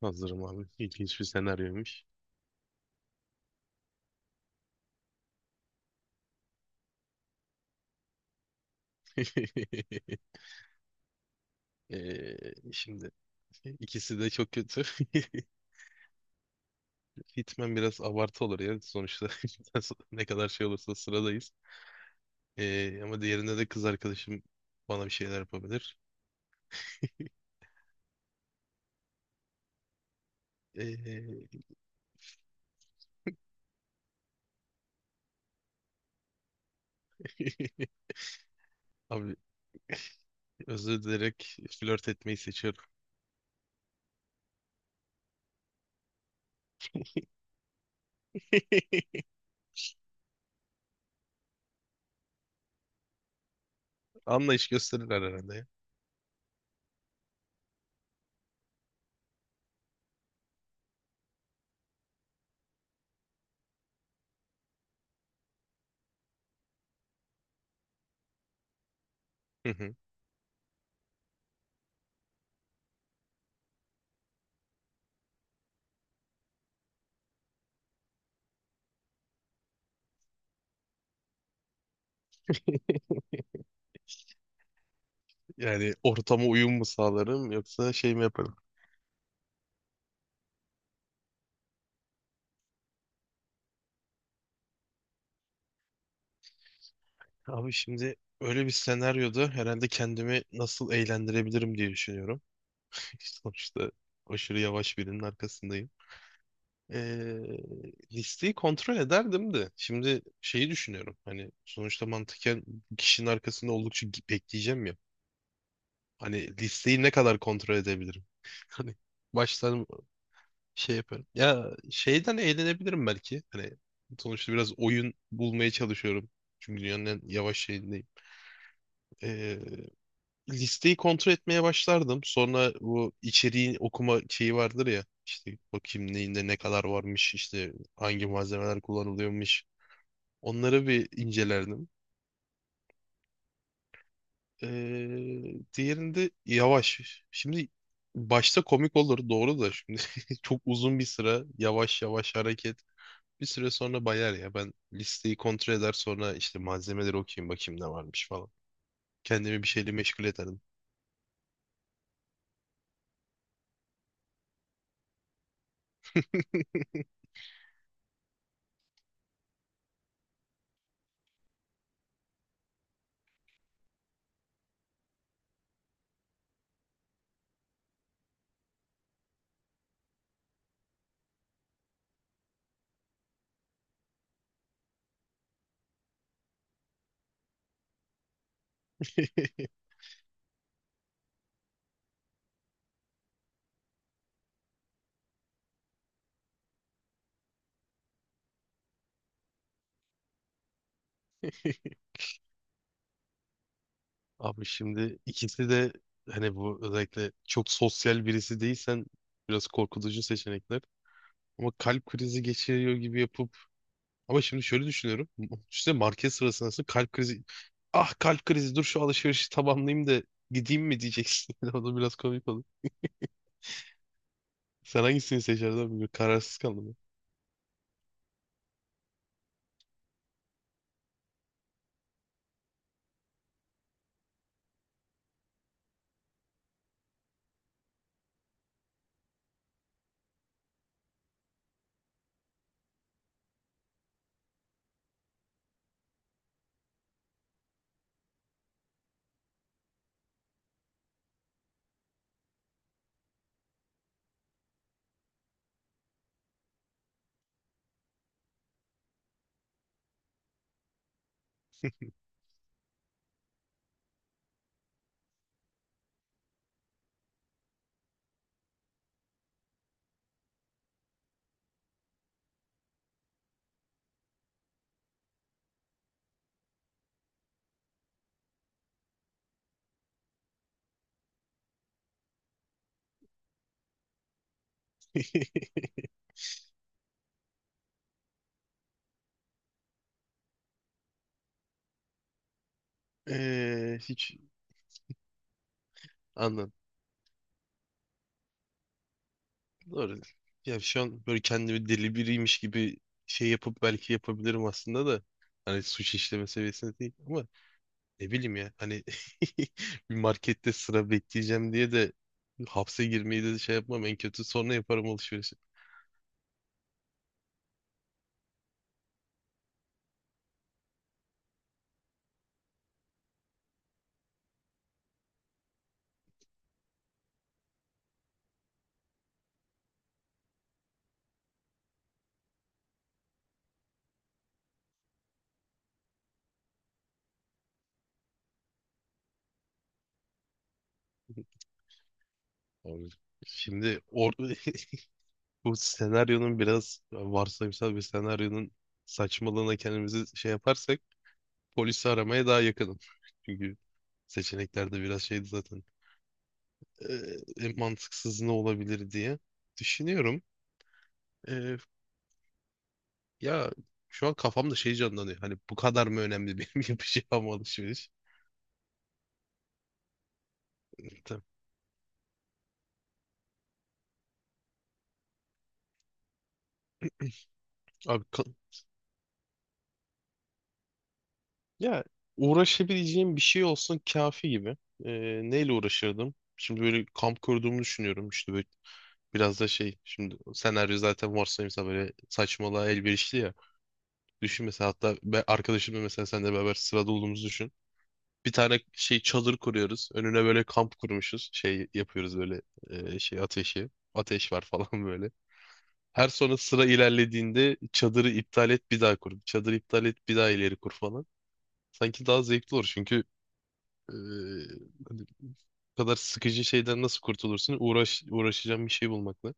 Hazırım abi. İlginç bir senaryoymuş. Şimdi ikisi de çok kötü. Hitman biraz abartı olur ya. Sonuçta ne kadar şey olursa sıradayız. Ama diğerinde de kız arkadaşım bana bir şeyler yapabilir. Ee, Abi özür dileyerek flört etmeyi seçiyorum. Anlayış gösterirler herhalde ya. Hı hı. Yani ortama uyum mu sağlarım yoksa şey mi yaparım? Abi şimdi öyle bir senaryoda herhalde kendimi nasıl eğlendirebilirim diye düşünüyorum. Sonuçta aşırı yavaş birinin arkasındayım. Ee, Listeyi kontrol ederdim de. Şimdi şeyi düşünüyorum. Hani sonuçta mantıken kişinin arkasında oldukça bekleyeceğim ya. Hani listeyi ne kadar kontrol edebilirim? Hani baştan şey yaparım. Ya şeyden eğlenebilirim belki. Hani sonuçta biraz oyun bulmaya çalışıyorum. Çünkü dünyanın en yavaş şeyindeyim. Ee, Listeyi kontrol etmeye başlardım. Sonra bu içeriğin okuma şeyi vardır ya. İşte bakayım neyinde ne kadar varmış, işte hangi malzemeler kullanılıyormuş. Onları bir incelerdim. Ee, Diğerinde yavaş. Şimdi başta komik olur doğru da şimdi çok uzun bir sıra yavaş yavaş hareket. Bir süre sonra bayar ya. Ben listeyi kontrol eder sonra işte malzemeleri okuyayım bakayım ne varmış falan. Kendimi bir şeyle meşgul ederdim. Abi şimdi ikisi de hani bu özellikle çok sosyal birisi değilsen biraz korkutucu seçenekler. Ama kalp krizi geçiriyor gibi yapıp ama şimdi şöyle düşünüyorum. İşte market sırasında nasıl kalp krizi ah kalp krizi dur şu alışverişi tamamlayayım da gideyim mi diyeceksin. O da biraz komik olur. Sen hangisini seçerdin abi? Bir kararsız kaldım. Ben. Hiç anladım. Doğru. Ya şu an böyle kendimi deli biriymiş gibi şey yapıp belki yapabilirim aslında da. Hani suç işleme seviyesinde değil. Ama ne bileyim ya hani bir markette sıra bekleyeceğim diye de hapse girmeyi de şey yapmam en kötü sonra yaparım alışverişi. Abi, şimdi bu senaryonun biraz varsayımsal bir senaryonun saçmalığına kendimizi şey yaparsak polisi aramaya daha yakınım. Çünkü seçeneklerde biraz şeydi zaten. Ee, En mantıksız ne olabilir diye düşünüyorum. Ya şu an kafamda şey canlanıyor. Hani bu kadar mı önemli benim yapacağım alışveriş? Tamam. Abi ka- Ya uğraşabileceğim bir şey olsun kafi gibi. Ee, Neyle uğraşırdım? Şimdi böyle kamp kurduğumu düşünüyorum. İşte böyle biraz da şey. Şimdi senaryo zaten varsayımsa böyle saçmalığa elverişli ya. Düşün mesela hatta ben arkadaşımla mesela seninle beraber sırada olduğumuzu düşün. Bir tane şey çadır kuruyoruz. Önüne böyle kamp kurmuşuz. Şey yapıyoruz böyle şey ateşi. Ateş var falan böyle. Her sonra sıra ilerlediğinde çadırı iptal et bir daha kur. Çadırı iptal et bir daha ileri kur falan. Sanki daha zevkli olur çünkü eee, hani bu kadar sıkıcı şeyden nasıl kurtulursun? Uğraşacağım bir şey bulmakla.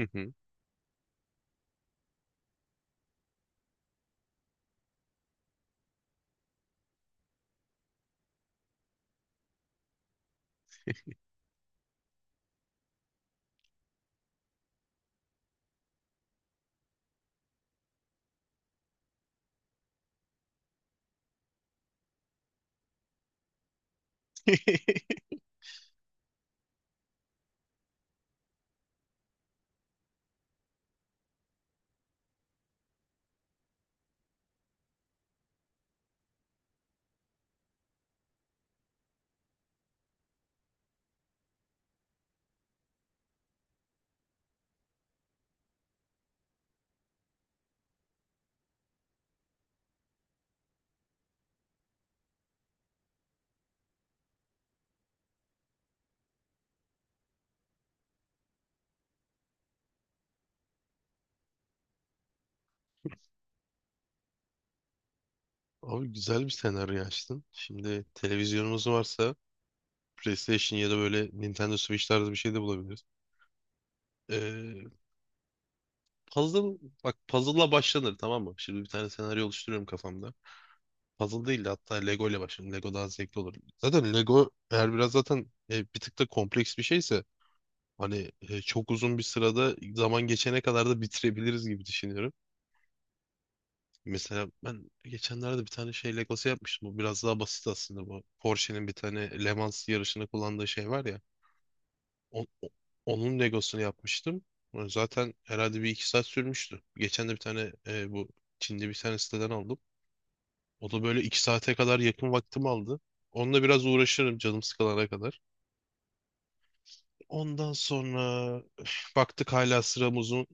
Hı hı. Abi güzel bir senaryo açtın. Şimdi televizyonumuz varsa PlayStation ya da böyle Nintendo Switch tarzı bir şey de bulabiliriz. Ee, Puzzle, bak puzzle'la başlanır tamam mı? Şimdi bir tane senaryo oluşturuyorum kafamda. Puzzle değil de hatta Lego ile başlayalım. Lego daha zevkli olur. Zaten Lego eğer biraz zaten bir tık da kompleks bir şeyse hani çok uzun bir sırada zaman geçene kadar da bitirebiliriz gibi düşünüyorum. Mesela ben geçenlerde bir tane şey Legosu yapmıştım. Bu biraz daha basit aslında bu. Porsche'nin bir tane Le Mans yarışında kullandığı şey var ya. o- o- Onun Legosunu yapmıştım. Zaten herhalde bir 2 saat sürmüştü. Geçen de bir tane bu Çin'de bir tane siteden aldım. O da böyle 2 saate kadar yakın vaktimi aldı. Onunla biraz uğraşırım canım sıkılana kadar. Ondan sonra üf, baktık hala sıram uzun.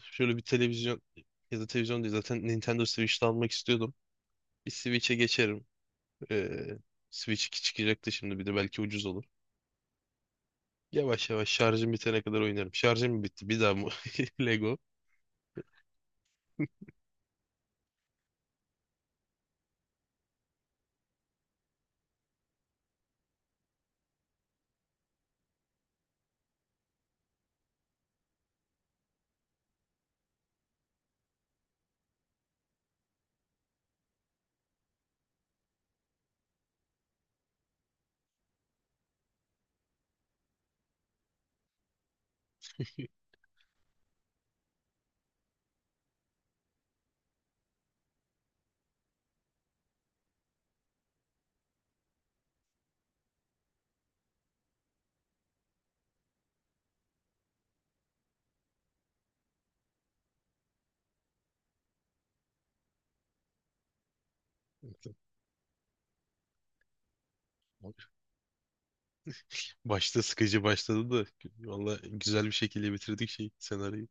Şöyle bir televizyon ya da televizyon değil zaten Nintendo Switch'te almak istiyordum. Bir Switch'e geçerim. Ee, Switch 2 çıkacaktı şimdi bir de belki ucuz olur. Yavaş yavaş şarjım bitene kadar oynarım. Şarjım mı bitti? Bir daha mı? Lego. Başta sıkıcı başladı da valla güzel bir şekilde bitirdik şey senaryoyu.